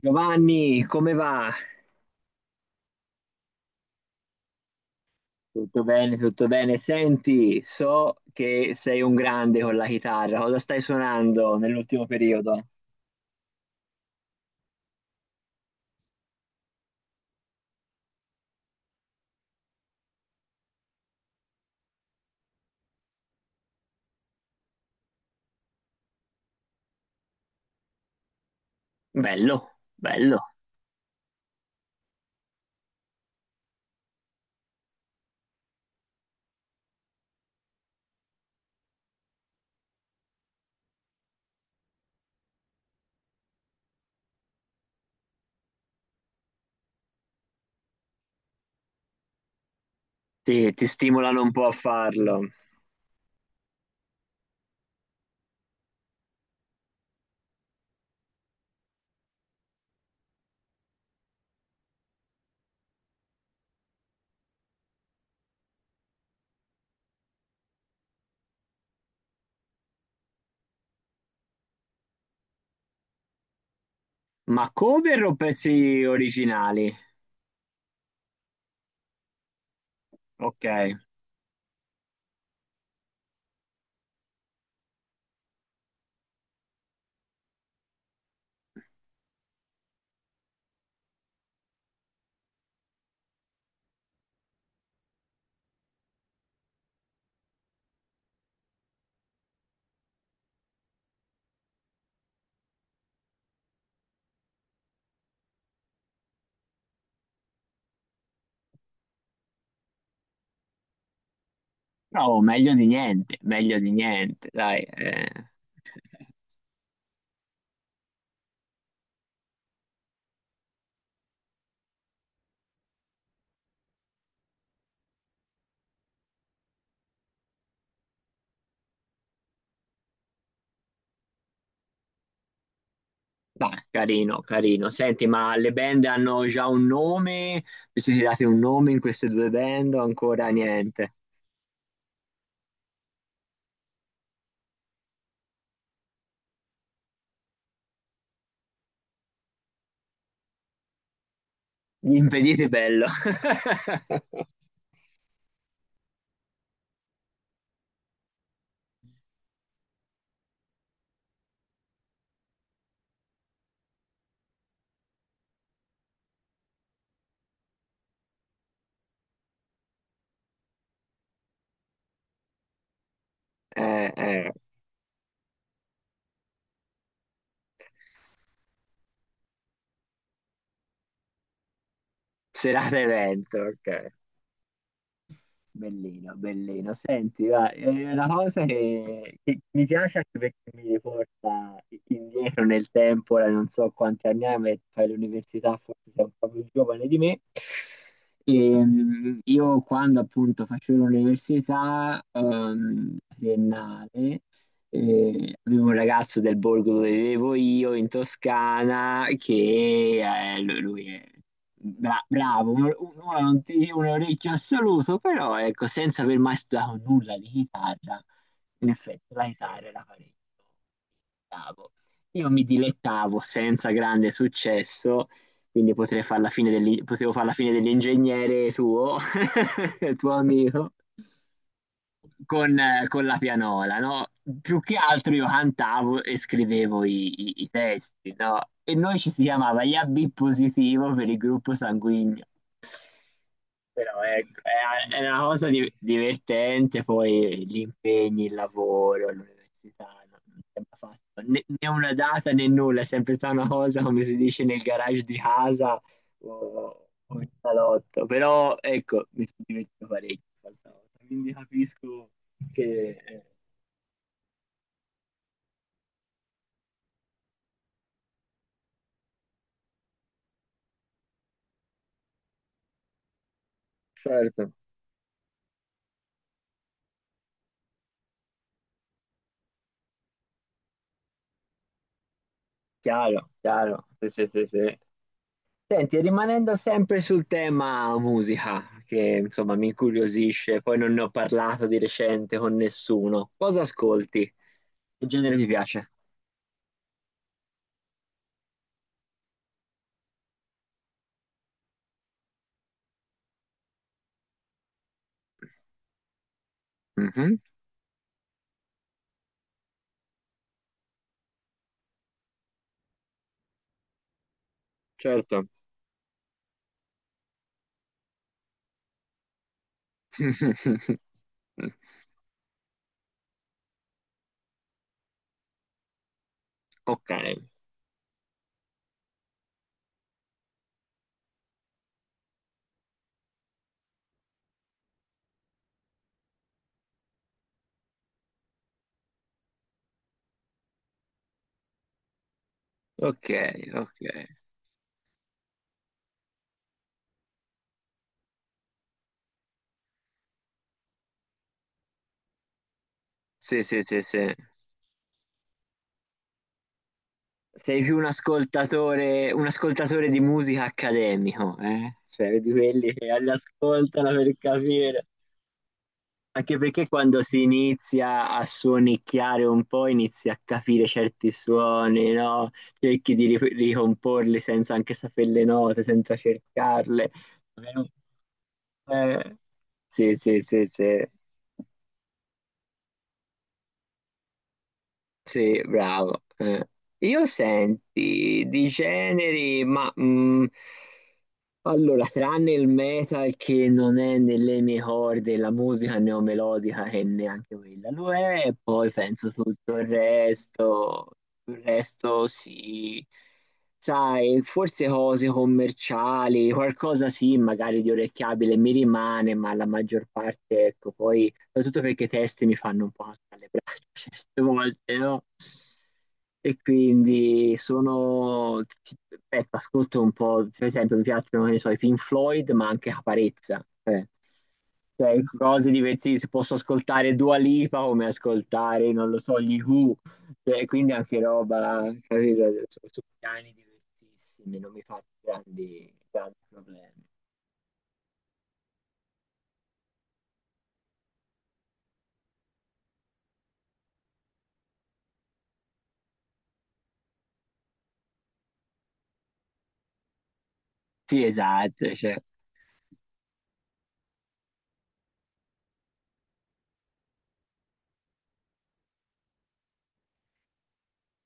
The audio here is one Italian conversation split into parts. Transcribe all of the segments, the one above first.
Giovanni, come va? Tutto bene, tutto bene. Senti, so che sei un grande con la chitarra. Cosa stai suonando nell'ultimo periodo? Bello, bello. Ti stimolano un po' a farlo. Ma cover o pezzi originali? Ok. No, meglio di niente, dai. Eh. Dai, carino, carino. Senti, ma le band hanno già un nome? Vi siete dati un nome in queste due band o ancora niente? Gli impediti, bello. Eh, eh, serata evento, ok. Bellino, bellino. Senti, va, è una cosa che mi piace anche perché mi riporta indietro nel tempo, ora non so quanti anni hai, ma fai l'università, forse sei un po' più giovane di me. Io quando appunto facevo l'università triennale, e avevo un ragazzo del borgo dove vivevo io, in Toscana, che lui è bravo, ora non ti dico un orecchio assoluto, però ecco, senza aver mai studiato nulla di chitarra, in effetti la chitarra era parecchio bravo. Io mi dilettavo senza grande successo, quindi potrei far la fine dell'in- potevo fare la fine dell'ingegnere tuo, tuo amico con la pianola, no? Più che altro io cantavo e scrivevo i testi, no? E noi ci si chiamava gli AB positivo per il gruppo sanguigno. Però ecco, è una cosa divertente, poi gli impegni, il lavoro, l'università, non sembra fatto né una data né nulla, è sempre stata una cosa, come si dice, nel garage di casa o in salotto. Però ecco, mi sono divertito parecchio questa volta, quindi capisco che... certo. Chiaro, chiaro, sì, sì, sì, sì. Senti, rimanendo sempre sul tema musica, che insomma mi incuriosisce, poi non ne ho parlato di recente con nessuno. Cosa ascolti? Che genere ti piace? Mhm, certo. Ok, ok, ok. Sì, sì, sì, sì. Sei più un ascoltatore di musica accademico, eh? Cioè, di quelli che li ascoltano per capire. Anche perché quando si inizia a suonicchiare un po', inizi a capire certi suoni, no? Cerchi di ricomporli senza anche sapere le note, senza cercarle. Eh, sì, sì, sì, sì. Sì, bravo. Io senti di generi, ma allora, tranne il metal che non è nelle mie corde, la musica neomelodica che neanche quella lo è, e poi penso tutto il resto sì, sai, forse cose commerciali, qualcosa sì, magari di orecchiabile mi rimane, ma la maggior parte, ecco, poi soprattutto perché i testi mi fanno un po' alzare le braccia certe volte, no? E quindi sono, ecco, ascolto un po', per esempio mi piacciono, che ne so, i Pink Floyd, ma anche Caparezza, cioè, cioè, cose divertissime, posso ascoltare Dua Lipa come ascoltare, non lo so, gli Who, cioè, quindi anche roba, capito? Su, su piani diversissimi, non mi fa grandi, grandi problemi. Sì, esatto, cioè.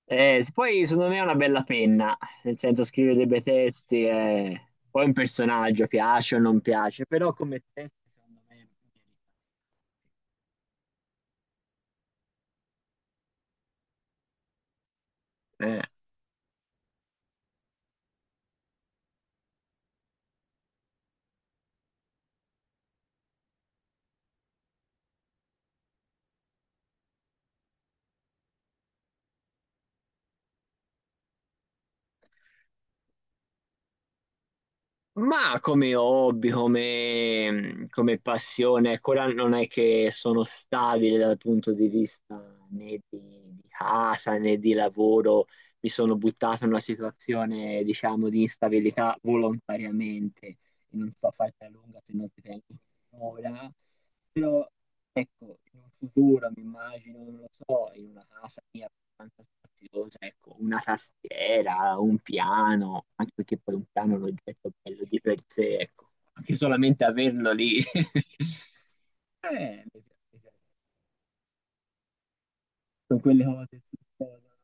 Se poi secondo me è una bella penna, nel senso scrive dei bei testi, e poi un personaggio piace o non piace, però come testo secondo me merita. Ma come hobby, come, come passione, ecco, ora non è che sono stabile dal punto di vista né di, di casa né di lavoro, mi sono buttato in una situazione, diciamo, di instabilità volontariamente, e non so farti a lunga se non ti tengo ora, però ecco, in un futuro mi immagino, non lo so, in una casa mia abbastanza spaziosa, ecco, una tastiera, un piano, anche perché poi un piano è un oggetto bello di per sé, ecco, anche solamente averlo lì. Mi piace. Mi piace. Sono quelle cose che succedono,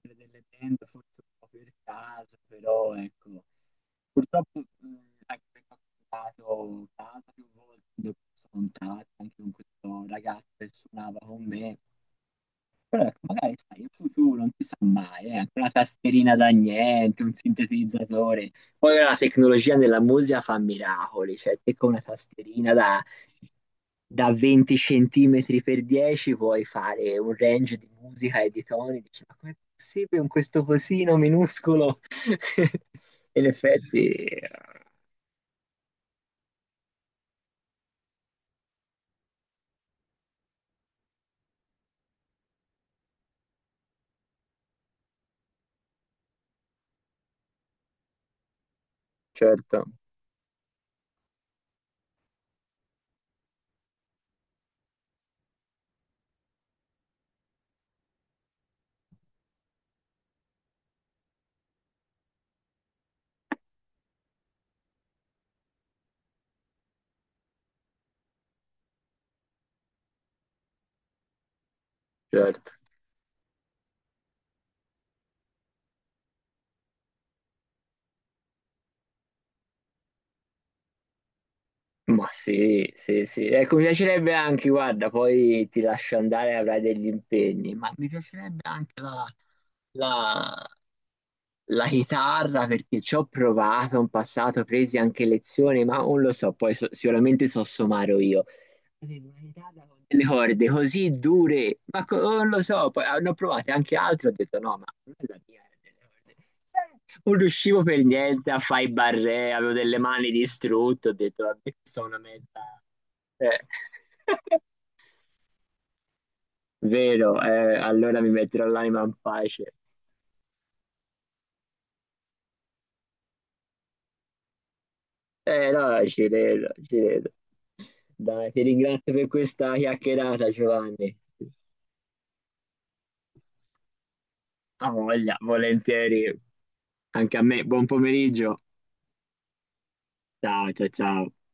quelle delle band, forse un po' per caso, però ecco, purtroppo anche perché ho cambiato casa più volte, quindi ho perso contatti anche con questo ragazzo che suonava con me, però ecco, magari sai, in futuro non si sa mai, anche una tastierina da niente, un sintetizzatore. Poi la tecnologia nella musica fa miracoli, cioè te con una tastierina da 20 centimetri per 10 puoi fare un range di musica e di toni, dici, ma com'è possibile con questo cosino minuscolo? In effetti, certo, certo. Ma sì, sì, sì. Ecco, mi piacerebbe anche, guarda, poi ti lascio andare, avrai degli impegni, ma mi piacerebbe anche la- la chitarra perché ci ho provato in passato, presi anche lezioni, ma non lo so, poi sicuramente so suonare io. Avevo una chitarra con delle corde così dure, ma oh, non lo so, poi hanno provato anche altre, ho detto no, ma non è la mia, è delle corde. Non riuscivo per niente a fare i barré, avevo delle mani distrutte, ho detto vabbè, sono una mezza... Eh. Vero, allora mi metterò l'anima in pace. Eh no, ci credo, ci credo. Dai, ti ringrazio per questa chiacchierata, Giovanni. A voglia, volentieri. Anche a me, buon pomeriggio. Ciao, ciao, ciao.